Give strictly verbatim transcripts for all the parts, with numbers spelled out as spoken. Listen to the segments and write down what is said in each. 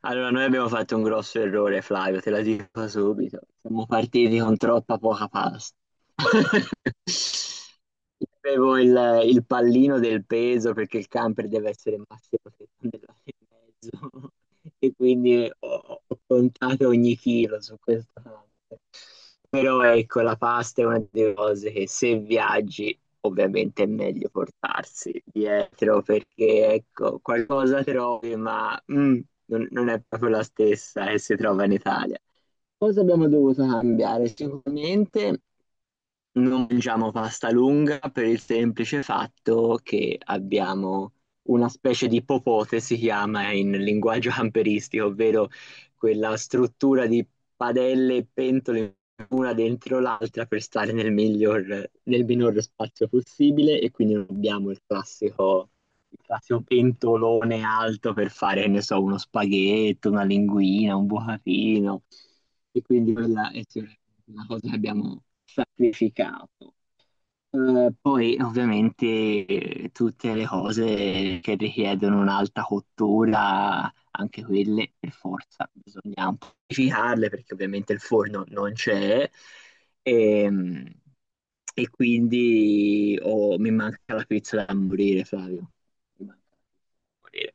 Allora, noi abbiamo fatto un grosso errore, Flavio, te la dico subito. Siamo partiti con troppa poca pasta. Io Avevo il, il pallino del peso perché il camper deve essere massimo settanta grammi e mezzo e quindi ho, ho contato ogni chilo su questa parte. Però ecco, la pasta è una delle cose che se viaggi ovviamente è meglio portarsi dietro perché ecco, qualcosa trovi, ma mm, non, non è proprio la stessa che si trova in Italia. Cosa abbiamo dovuto cambiare? Sicuramente non mangiamo pasta lunga per il semplice fatto che abbiamo una specie di popote, si chiama in linguaggio camperistico, ovvero quella struttura di padelle e pentole una dentro l'altra per stare nel miglior, nel minor spazio possibile, e quindi non abbiamo il classico, il classico pentolone alto per fare, che ne so, uno spaghetto, una linguina, un bucatino, e quindi quella è sicuramente una cosa che abbiamo sacrificato. Eh, poi ovviamente eh, tutte le cose che richiedono un'alta cottura, anche quelle per forza bisogna amplificarle, perché ovviamente il forno non c'è e, e quindi oh, mi manca la pizza da morire, Flavio. Mi manca la pizza da morire.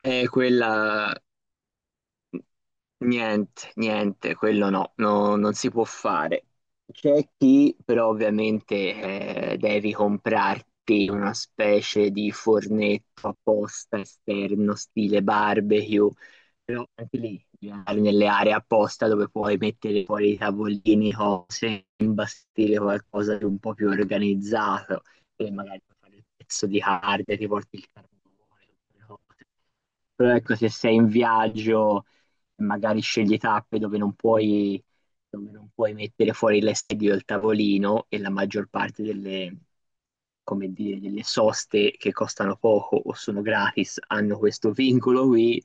È quella Niente, niente, quello no, no- non si può fare. C'è chi però ovviamente eh, devi comprarti una specie di fornetto apposta esterno, stile barbecue, però anche lì devi andare nelle aree apposta dove puoi mettere fuori i tavolini, cose, imbastire qualcosa di un po' più organizzato, e magari puoi fare il pezzo di carne, ti porti il carbone, tutte le cose. Però ecco, se sei in viaggio e magari scegli tappe dove non puoi, dove non puoi mettere fuori l'estedio del tavolino, e la maggior parte delle, come dire, delle soste che costano poco o sono gratis hanno questo vincolo qui.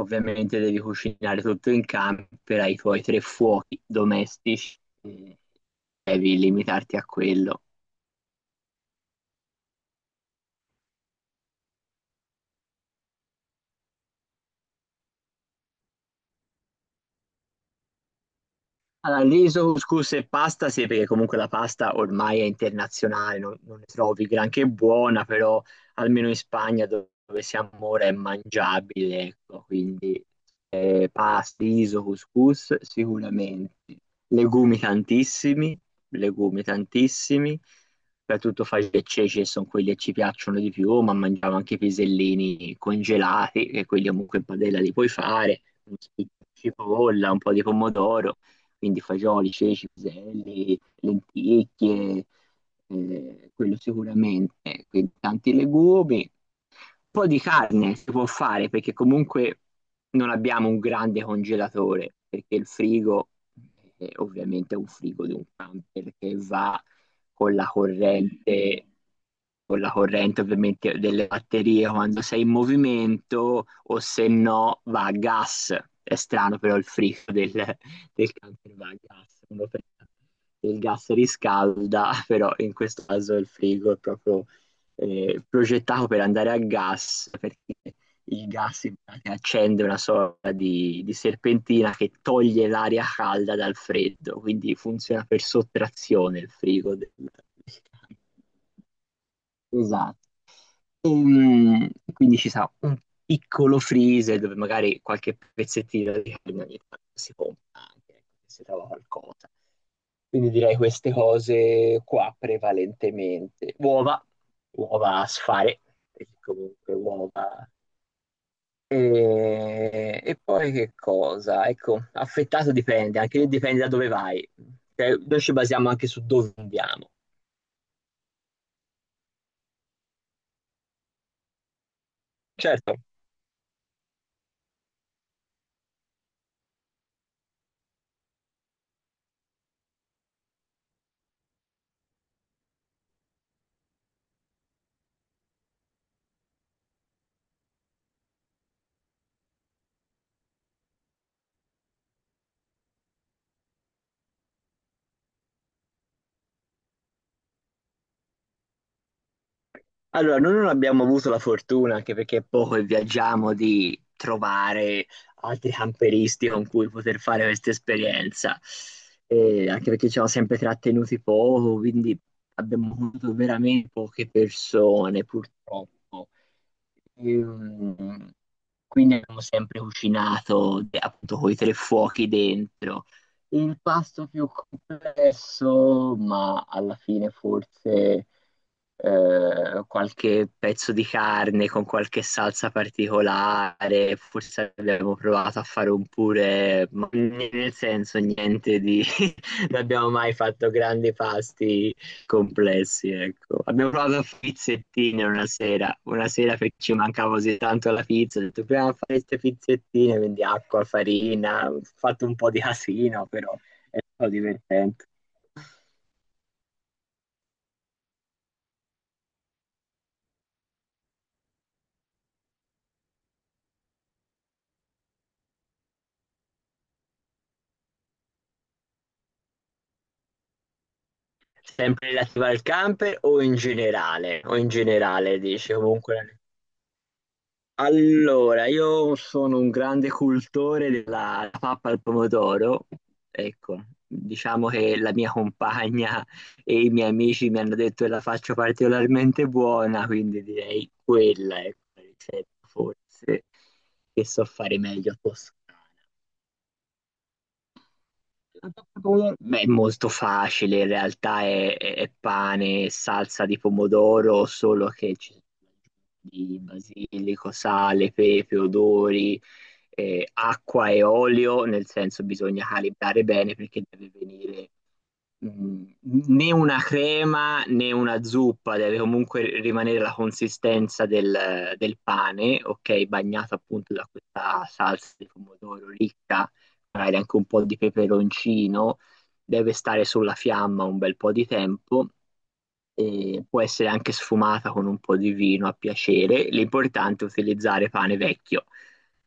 Ovviamente devi cucinare tutto in camper, hai i tuoi tre fuochi domestici, e devi limitarti a quello. Allora, riso, couscous e pasta, sì, perché comunque la pasta ormai è internazionale, non, non ne trovi granché buona, però almeno in Spagna dove siamo ora è mangiabile, ecco, quindi eh, pasta, riso, couscous sicuramente. Legumi tantissimi, legumi tantissimi, soprattutto faglie e ceci che sono quelli che ci piacciono di più, ma mangiamo anche i pisellini congelati, che quelli comunque in padella li puoi fare, un po' di cipolla, un po' di pomodoro, quindi fagioli, ceci, piselli, lenticchie, eh, quello sicuramente, eh, quindi tanti legumi. Un po' di carne si può fare, perché comunque non abbiamo un grande congelatore, perché il frigo eh, ovviamente è un frigo di un camper che va con la corrente, con la corrente ovviamente delle batterie quando sei in movimento, o se no va a gas. È strano però il frigo del, del camper va a gas, uno pensa che il gas riscalda, però in questo caso il frigo è proprio eh, progettato per andare a gas, perché il gas in pratica accende una sorta di, di serpentina che toglie l'aria calda dal freddo, quindi funziona per sottrazione il frigo del, del camper. Esatto, un- quindi ci sarà un piccolo freezer dove magari qualche pezzettino di carne ogni tanto si compra anche, ecco, che si trova qualcosa. Quindi direi queste cose qua prevalentemente. Uova, uova a sfare, perché comunque uova. E, e poi che cosa? Ecco, affettato dipende, anche lì dipende da dove vai. Cioè, noi ci basiamo anche su dove andiamo. Certo. Allora, noi non abbiamo avuto la fortuna, anche perché è poco e viaggiamo, di trovare altri camperisti con cui poter fare questa esperienza, E anche perché ci siamo sempre trattenuti poco, quindi abbiamo avuto veramente poche persone, purtroppo. Ehm, quindi abbiamo sempre cucinato, de- appunto, con i tre fuochi dentro. Il pasto più complesso, ma alla fine forse eh, qualche pezzo di carne con qualche salsa particolare, forse abbiamo provato a fare un pure, ma nel senso niente di... Non abbiamo mai fatto grandi pasti complessi, ecco. Abbiamo provato a fare pizzettine una sera, una sera perché ci mancava così tanto la pizza, ho detto proviamo a fare queste pizzettine, quindi acqua, farina, ho fatto un po' di casino, però è stato divertente. Sempre relativa al camper o in generale? O in generale, dice comunque la Allora, io sono un grande cultore della pappa al pomodoro, ecco, diciamo che la mia compagna e i miei amici mi hanno detto che la faccio particolarmente buona, quindi direi quella è la ricetta forse che so fare meglio a posto. La pasta pomodoro? Beh, è molto facile, in realtà è, è- è pane e salsa di pomodoro, solo che ci sono di basilico, sale, pepe, odori, eh, acqua e olio, nel senso bisogna calibrare bene perché deve venire mh, né una crema né una zuppa, deve comunque rimanere la consistenza del, del pane, ok, bagnato appunto da questa salsa di pomodoro ricca, magari anche un po' di peperoncino, deve stare sulla fiamma un bel po' di tempo, e può essere anche sfumata con un po' di vino a piacere. L'importante è utilizzare pane vecchio,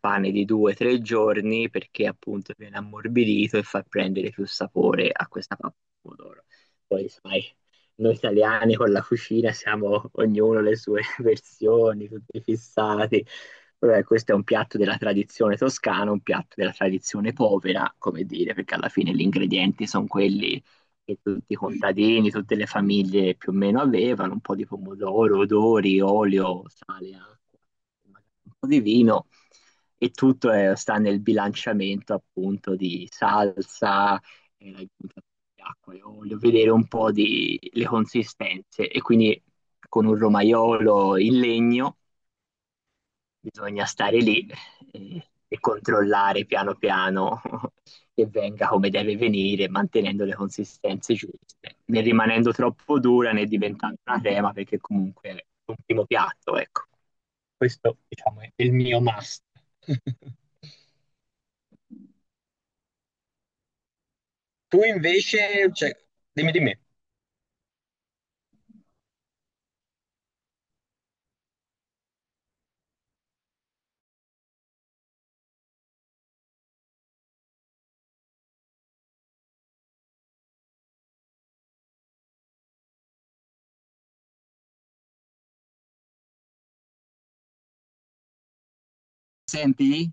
pane di due o tre giorni, perché appunto viene ammorbidito e fa prendere più sapore a questa pappa di pomodoro. Poi sai, noi italiani con la cucina siamo ognuno le sue versioni, tutti fissati. Vabbè, questo è un piatto della tradizione toscana, un piatto della tradizione povera, come dire, perché alla fine gli ingredienti sono quelli che tutti i contadini, tutte le famiglie più o meno avevano, un po' di pomodoro, odori, olio, sale, acqua, magari un po' di vino, e tutto eh, sta nel bilanciamento appunto di salsa e l'hai buttata acqua. Io voglio vedere un po' di le consistenze, e quindi con un romaiolo in legno bisogna stare lì e, e controllare piano piano che venga come deve venire, mantenendo le consistenze giuste, né rimanendo troppo dura né diventando una crema, perché comunque è un primo piatto, ecco. Questo, diciamo, è il mio must. Tu invece, cioè, dimmi di me. Senti?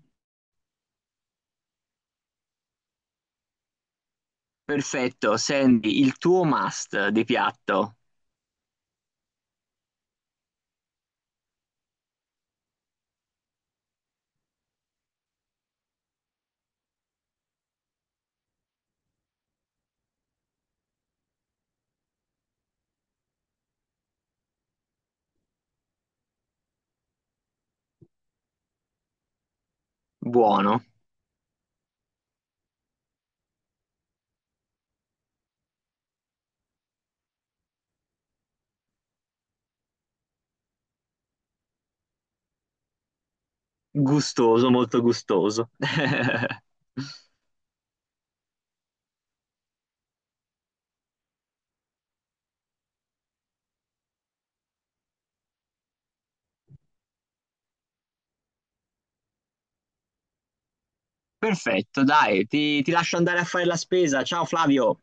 Perfetto, Sandy, il tuo must di piatto, buono, gustoso, molto gustoso. Perfetto, dai, ti, ti lascio andare a fare la spesa. Ciao Flavio.